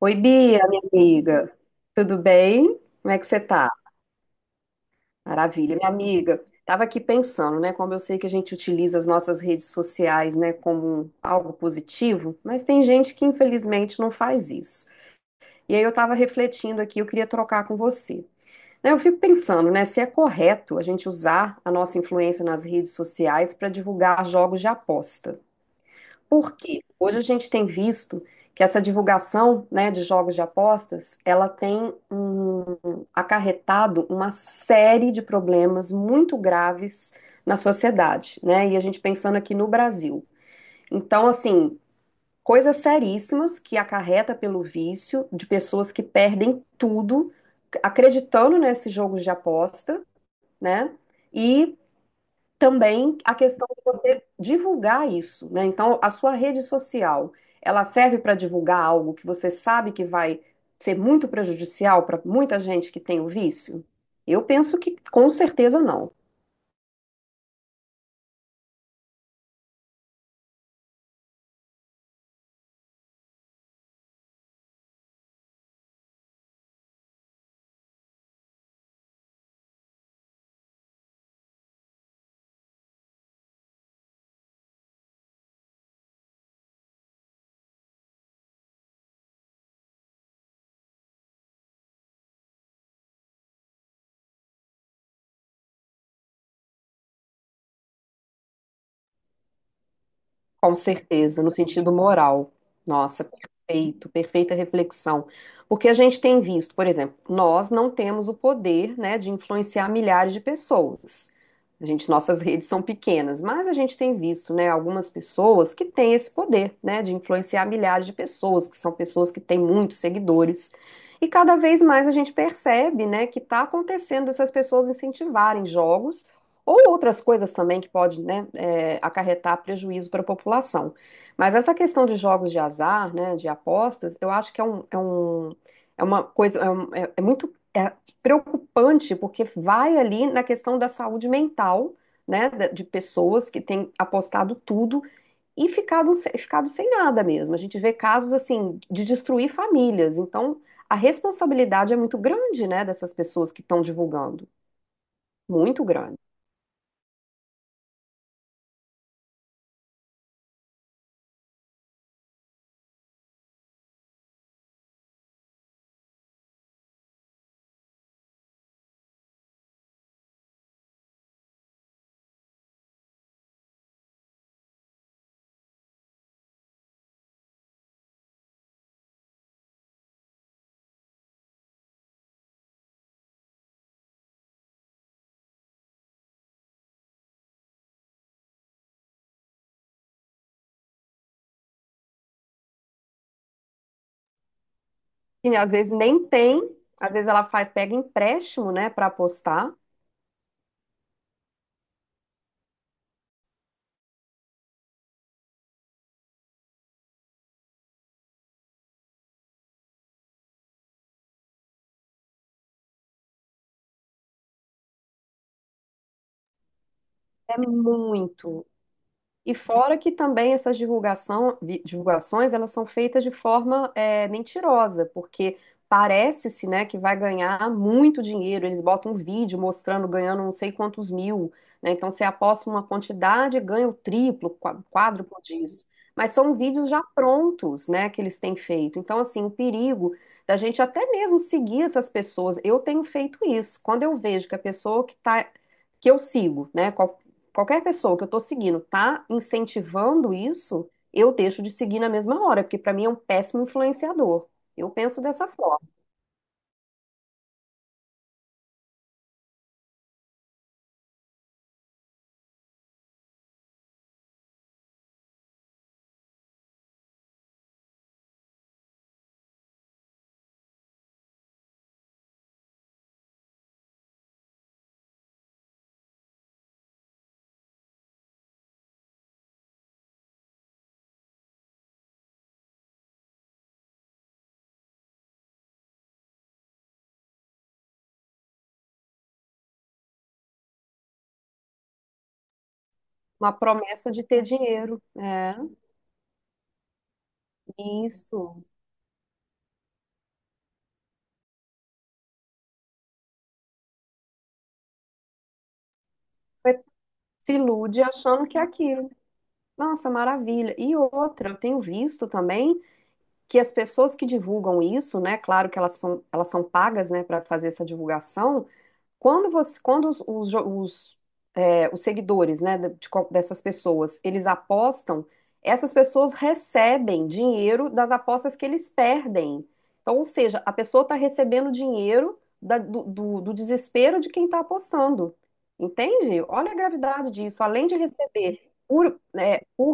Oi, Bia, minha amiga. Tudo bem? Como é que você tá? Maravilha, minha amiga. Tava aqui pensando, né, como eu sei que a gente utiliza as nossas redes sociais, né, como algo positivo, mas tem gente que infelizmente não faz isso. E aí eu tava refletindo aqui, eu queria trocar com você. Né, eu fico pensando, né, se é correto a gente usar a nossa influência nas redes sociais para divulgar jogos de aposta. Porque hoje a gente tem visto que essa divulgação, né, de jogos de apostas, ela tem acarretado uma série de problemas muito graves na sociedade, né? E a gente pensando aqui no Brasil. Então, assim, coisas seríssimas que acarreta pelo vício de pessoas que perdem tudo acreditando nesses jogos de aposta, né? E também a questão de você divulgar isso, né? Então, a sua rede social, ela serve para divulgar algo que você sabe que vai ser muito prejudicial para muita gente que tem o vício? Eu penso que com certeza não. Com certeza, no sentido moral. Nossa, perfeito, perfeita reflexão. Porque a gente tem visto, por exemplo, nós não temos o poder, né, de influenciar milhares de pessoas. A gente, nossas redes são pequenas, mas a gente tem visto, né, algumas pessoas que têm esse poder, né, de influenciar milhares de pessoas, que são pessoas que têm muitos seguidores. E cada vez mais a gente percebe, né, que está acontecendo essas pessoas incentivarem jogos ou outras coisas também que pode, né, acarretar prejuízo para a população. Mas essa questão de jogos de azar, né, de apostas, eu acho que é uma coisa, muito preocupante, porque vai ali na questão da saúde mental, né, de pessoas que têm apostado tudo e ficado, ficado sem nada mesmo. A gente vê casos, assim, de destruir famílias. Então, a responsabilidade é muito grande, né, dessas pessoas que estão divulgando. Muito grande. E às vezes nem tem, às vezes ela faz, pega empréstimo, né, para apostar. É muito. E fora que também essas divulgação, divulgações, elas são feitas de forma mentirosa, porque parece-se, né, que vai ganhar muito dinheiro. Eles botam um vídeo mostrando ganhando não sei quantos mil, né? Então você aposta uma quantidade, e ganha o triplo, quádruplo disso. Mas são vídeos já prontos, né, que eles têm feito. Então, assim, o perigo da gente até mesmo seguir essas pessoas. Eu tenho feito isso. Quando eu vejo que a pessoa que está que eu sigo, né? Qualquer pessoa que eu tô seguindo tá incentivando isso, eu deixo de seguir na mesma hora, porque pra mim é um péssimo influenciador. Eu penso dessa forma. Uma promessa de ter dinheiro. É, isso. Se ilude achando que é aquilo. Nossa, maravilha. E outra, eu tenho visto também que as pessoas que divulgam isso, né? Claro que elas são pagas, né, para fazer essa divulgação. Quando você, quando os, jo- os, é, os seguidores, né, dessas pessoas, eles apostam, essas pessoas recebem dinheiro das apostas que eles perdem. Então, ou seja, a pessoa está recebendo dinheiro do desespero de quem está apostando. Entende? Olha a gravidade disso. Além de receber por,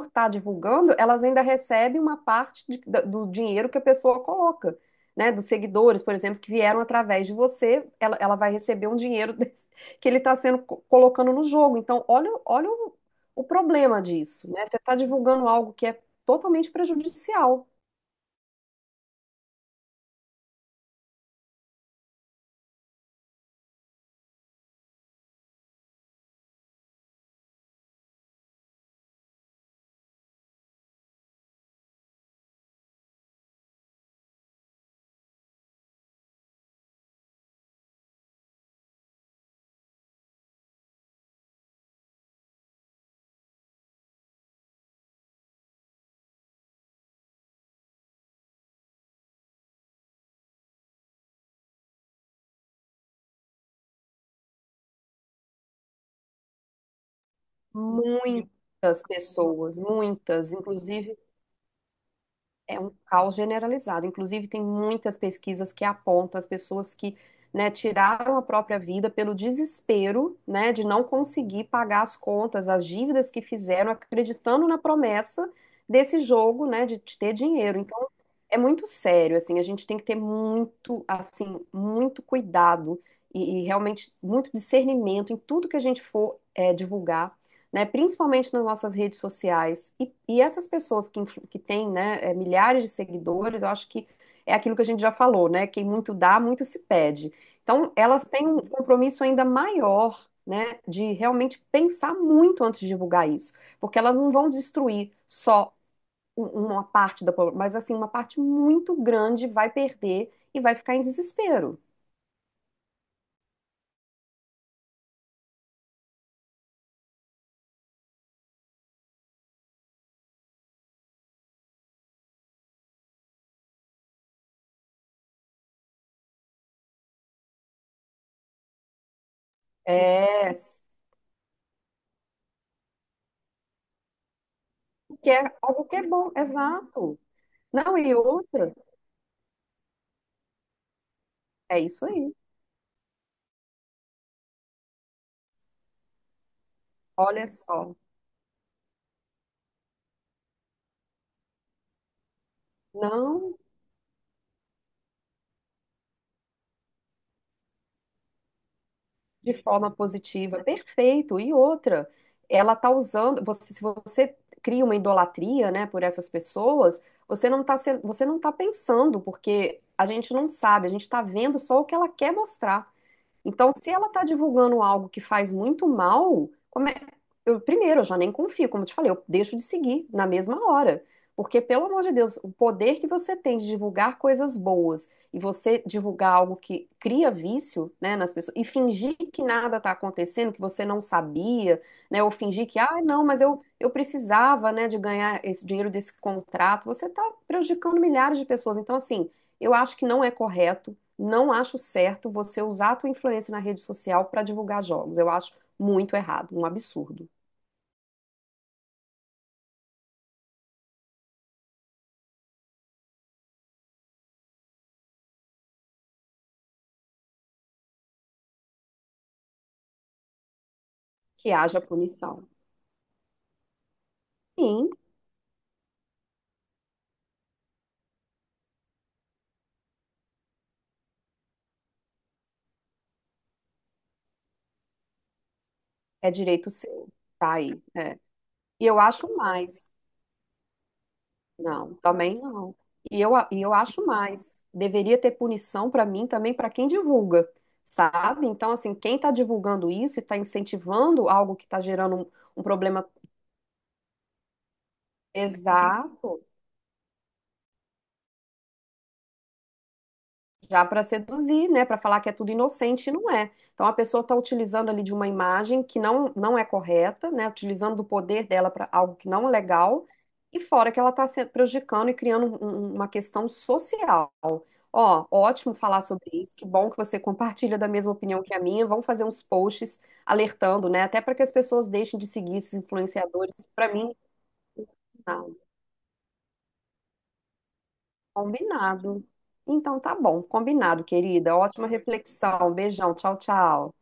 estar divulgando, elas ainda recebem uma parte do dinheiro que a pessoa coloca, né, dos seguidores, por exemplo, que vieram através de você, ela vai receber um dinheiro que ele está sendo colocando no jogo. Então, olha, o problema disso, né? Você está divulgando algo que é totalmente prejudicial. Muitas pessoas, muitas, inclusive. É um caos generalizado. Inclusive, tem muitas pesquisas que apontam as pessoas que, né, tiraram a própria vida pelo desespero, né, de não conseguir pagar as contas, as dívidas que fizeram, acreditando na promessa desse jogo, né, de ter dinheiro. Então, é muito sério, assim, a gente tem que ter muito, assim, muito cuidado e realmente muito discernimento em tudo que a gente for, divulgar, né, principalmente nas nossas redes sociais. E essas pessoas que, que têm, né, milhares de seguidores, eu acho que é aquilo que a gente já falou, né? Quem muito dá, muito se pede. Então, elas têm um compromisso ainda maior, né, de realmente pensar muito antes de divulgar isso, porque elas não vão destruir só uma parte da população, mas assim, uma parte muito grande vai perder e vai ficar em desespero. É, que é algo que é bom, exato. Não, e outra, é isso aí. Olha só, não de forma positiva, perfeito. E outra, ela tá usando, você, se você cria uma idolatria, né, por essas pessoas, você não tá sendo, você não tá pensando, porque a gente não sabe, a gente tá vendo só o que ela quer mostrar. Então, se ela está divulgando algo que faz muito mal, como é- eu, primeiro, eu já nem confio, como eu te falei, eu deixo de seguir na mesma hora. Porque, pelo amor de Deus, o poder que você tem de divulgar coisas boas e você divulgar algo que cria vício, né, nas pessoas e fingir que nada está acontecendo, que você não sabia, né, ou fingir que, ah, não, mas eu precisava, né, de ganhar esse dinheiro desse contrato, você está prejudicando milhares de pessoas. Então, assim, eu acho que não é correto, não acho certo você usar a tua influência na rede social para divulgar jogos. Eu acho muito errado, um absurdo que haja punição. Sim, é direito seu, tá aí. É. E eu acho mais. Não, também não. E eu acho mais. Deveria ter punição para mim também para quem divulga, sabe? Então, assim, quem está divulgando isso e está incentivando algo que está gerando um problema. Exato. Já para seduzir, né, para falar que é tudo inocente, não é. Então a pessoa está utilizando ali de uma imagem que não, não é correta, né, utilizando do poder dela para algo que não é legal, e fora que ela está se prejudicando e criando uma questão social. Ó, ótimo falar sobre isso, que bom que você compartilha da mesma opinião que a minha. Vamos fazer uns posts alertando, né, até para que as pessoas deixem de seguir esses influenciadores. Para mim, não. Combinado. Então tá bom, combinado, querida. Ótima reflexão. Beijão, tchau, tchau.